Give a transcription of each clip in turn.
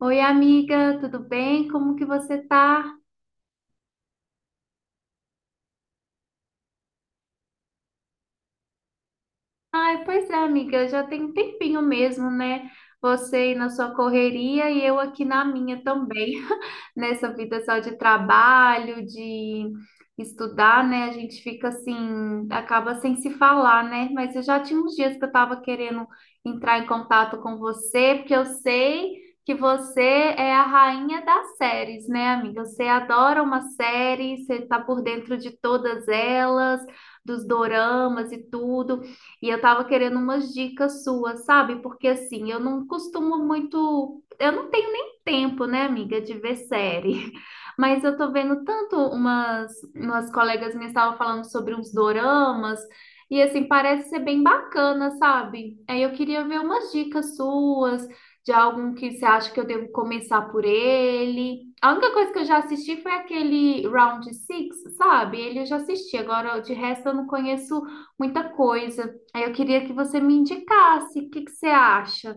Oi, amiga, tudo bem? Como que você tá? Ai, pois é, amiga, já tem um tempinho mesmo, né? Você aí na sua correria e eu aqui na minha também, nessa vida só de trabalho, de estudar, né? A gente fica assim, acaba sem se falar, né? Mas eu já tinha uns dias que eu tava querendo entrar em contato com você, porque eu sei que você é a rainha das séries, né, amiga? Você adora uma série, você tá por dentro de todas elas, dos doramas e tudo. E eu tava querendo umas dicas suas, sabe? Porque assim, eu não costumo muito. Eu não tenho nem tempo, né, amiga, de ver série. Mas eu tô vendo tanto umas colegas minhas estavam falando sobre uns doramas. E assim, parece ser bem bacana, sabe? Aí eu queria ver umas dicas suas, de algum que você acha que eu devo começar por ele. A única coisa que eu já assisti foi aquele Round Six, sabe? Ele eu já assisti, agora de resto eu não conheço muita coisa. Aí eu queria que você me indicasse. O que que você acha?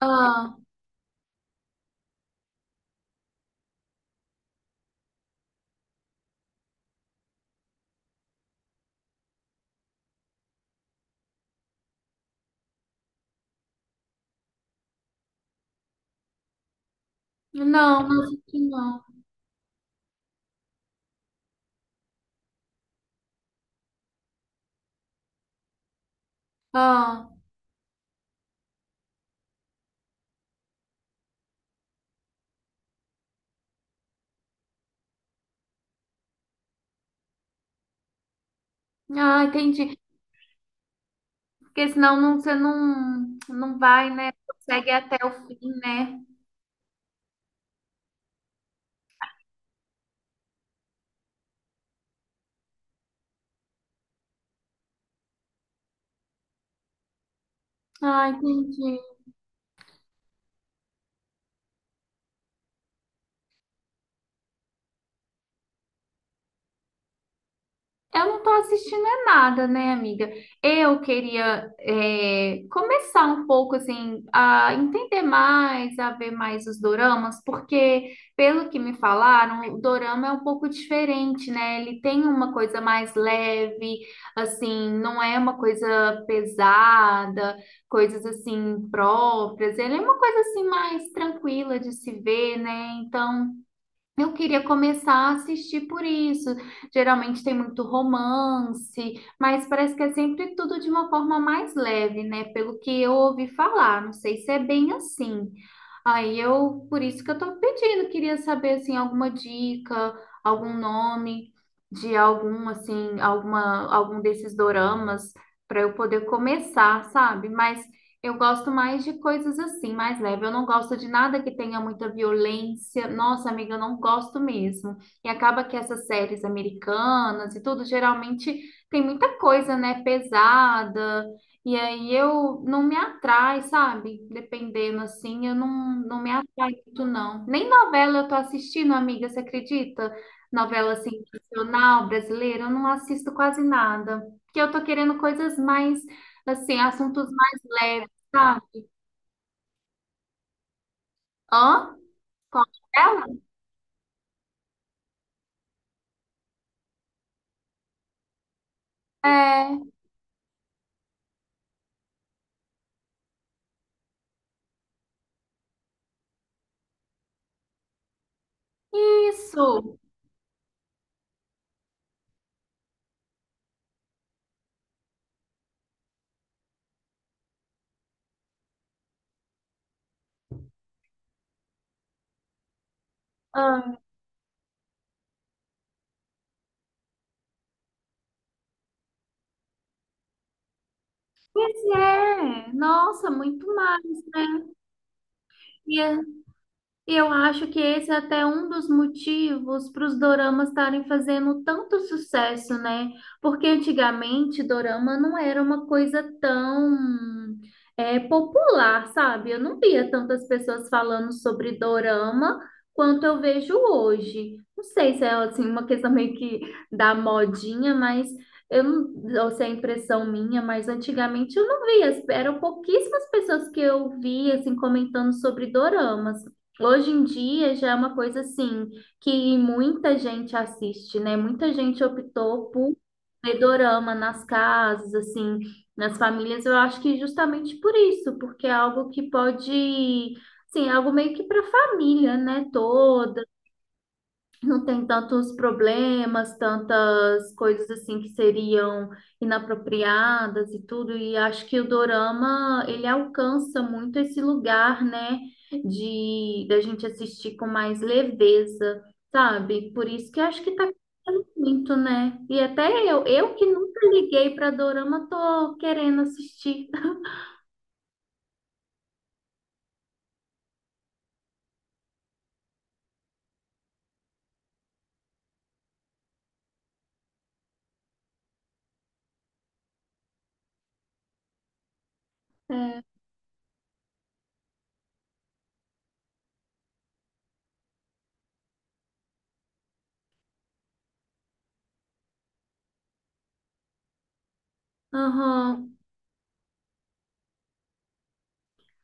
Ah, não assisti não. Ah, entendi. Porque senão não, você não vai, né? Consegue até o fim, né? Ah, entendi. Eu não tô assistindo a nada, né, amiga? Eu queria começar um pouco, assim, a entender mais, a ver mais os doramas, porque, pelo que me falaram, o dorama é um pouco diferente, né? Ele tem uma coisa mais leve, assim, não é uma coisa pesada, coisas, assim, próprias. Ele é uma coisa, assim, mais tranquila de se ver, né? Então... eu queria começar a assistir por isso. Geralmente tem muito romance, mas parece que é sempre tudo de uma forma mais leve, né? Pelo que eu ouvi falar, não sei se é bem assim. Aí eu, por isso que eu tô pedindo, queria saber assim alguma dica, algum nome de algum assim, alguma algum desses doramas para eu poder começar, sabe? Mas eu gosto mais de coisas assim, mais leve. Eu não gosto de nada que tenha muita violência. Nossa, amiga, eu não gosto mesmo. E acaba que essas séries americanas e tudo, geralmente tem muita coisa, né, pesada. E aí eu não me atrai, sabe? Dependendo assim, eu não, não me atrai muito, não. Nem novela eu tô assistindo, amiga, você acredita? Novela assim, nacional, brasileira, eu não assisto quase nada. Porque eu tô querendo coisas mais, assim, assuntos mais leves. Tá. Hã? Com ela? É. Isso. Ah, pois é. Nossa, muito mais, né? E E eu acho que esse é até um dos motivos para os doramas estarem fazendo tanto sucesso, né? Porque antigamente dorama não era uma coisa tão popular, sabe? Eu não via tantas pessoas falando sobre dorama quanto eu vejo hoje. Não sei se é assim uma questão meio que da modinha, mas eu não, ou se é impressão minha, mas antigamente eu não via, eram pouquíssimas pessoas que eu via assim comentando sobre doramas. Hoje em dia já é uma coisa assim que muita gente assiste, né? Muita gente optou por ver dorama nas casas, assim, nas famílias. Eu acho que justamente por isso, porque é algo que pode, assim, é algo meio que para a família, né, não tem tantos problemas, tantas coisas assim que seriam inapropriadas e tudo, e acho que o dorama, ele alcança muito esse lugar, né, de da gente assistir com mais leveza, sabe? Por isso que acho que tá crescendo muito, né? E até eu que nunca liguei para dorama, tô querendo assistir. É. Aham.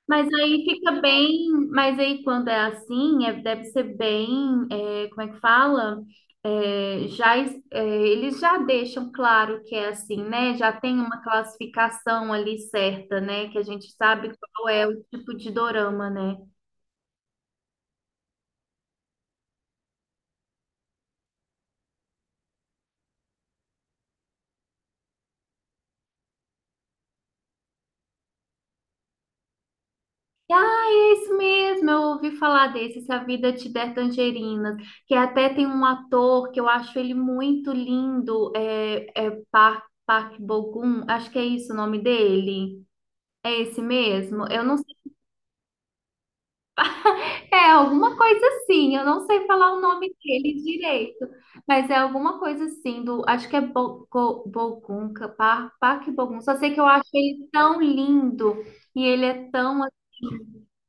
Mas aí fica bem, mas aí quando é assim, é- deve ser bem, é, como é que fala? É, já, es- é, eles já deixam claro que é assim, né? Já tem uma classificação ali certa, né? Que a gente sabe qual é o tipo de dorama, né? Ah, é isso mesmo, eu ouvi falar desse, Se a Vida Te Der Tangerinas, que até tem um ator que eu acho ele muito lindo, é Park, Park Bo-gum, acho que é isso o nome dele. É esse mesmo? Eu não sei. É alguma coisa assim. Eu não sei falar o nome dele direito, mas é alguma coisa assim do. Acho que é Bo- Go- Bogunca, Par- Parque Bogun. Só sei que eu acho ele tão lindo e ele é tão.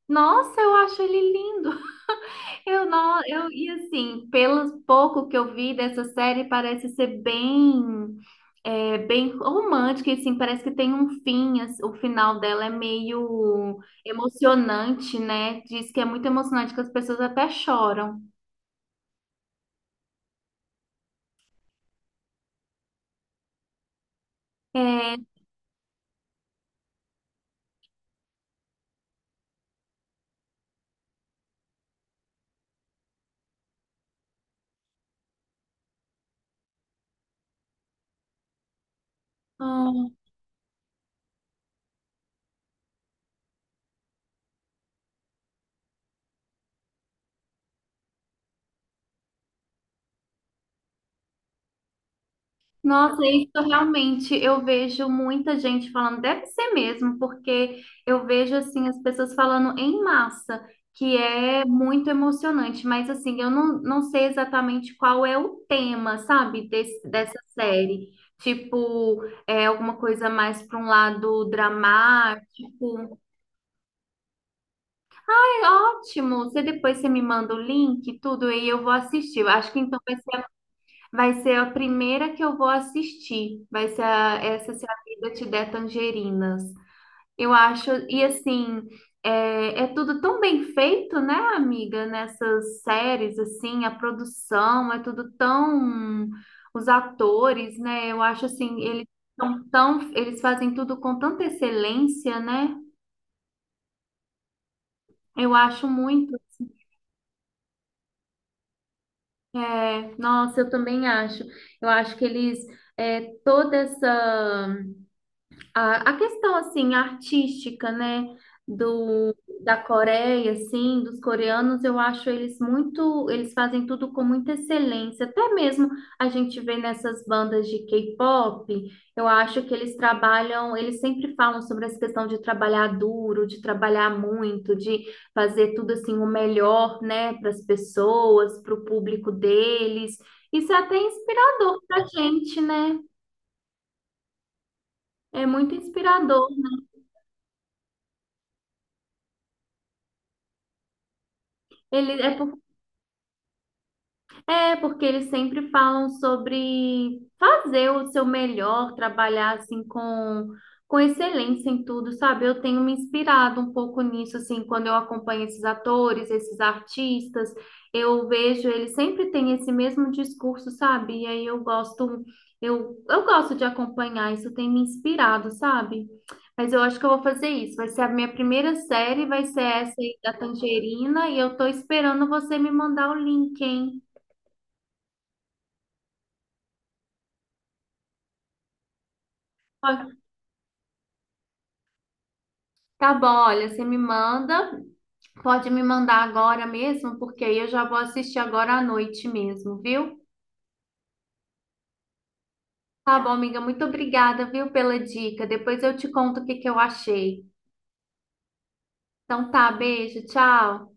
Nossa, eu acho ele lindo. Eu não, eu e assim, pelo pouco que eu vi dessa série, parece ser bem, bem romântica, e assim, parece que tem um fim, assim, o final dela é meio emocionante, né? Diz que é muito emocionante, que as pessoas até choram. É, ah, nossa, é isso realmente eu vejo muita gente falando, deve ser mesmo, porque eu vejo assim as pessoas falando em massa, que é muito emocionante, mas assim, eu não, não sei exatamente qual é o tema, sabe, desse, dessa série. Tipo, é alguma coisa mais para um lado dramático. É ótimo. Você depois você me manda o link, e tudo, e eu vou assistir. Eu acho que então vai ser a primeira que eu vou assistir. Vai ser a- essa Se a Vida Te Der Tangerinas. Eu acho, e assim, é tudo tão bem feito, né, amiga? Nessas séries, assim, a produção é tudo tão. Os atores, né? Eu acho assim, eles são tão. Eles fazem tudo com tanta excelência, né? Eu acho muito. É, nossa, eu também acho. Eu acho que eles. Toda essa a questão assim artística, né, do da Coreia, assim, dos coreanos, eu acho eles muito, eles fazem tudo com muita excelência. Até mesmo a gente vê nessas bandas de K-pop, eu acho que eles trabalham, eles sempre falam sobre essa questão de trabalhar duro, de trabalhar muito, de fazer tudo assim o melhor, né, para as pessoas, para o público deles. Isso é até inspirador para a gente, né? É muito inspirador. Ele é por é, porque eles sempre falam sobre fazer o seu melhor, trabalhar assim com excelência em tudo, sabe? Eu tenho me inspirado um pouco nisso, assim, quando eu acompanho esses atores, esses artistas, eu vejo eles sempre têm esse mesmo discurso, sabe? E aí eu gosto, eu gosto de acompanhar, isso tem me inspirado, sabe? Mas eu acho que eu vou fazer isso. Vai ser a minha primeira série, vai ser essa aí da Tangerina, e eu tô esperando você me mandar o link, hein? Tá bom, olha, você me manda, pode me mandar agora mesmo, porque aí eu já vou assistir agora à noite mesmo, viu? Tá bom, amiga, muito obrigada, viu, pela dica. Depois eu te conto o que que eu achei. Então tá, beijo, tchau.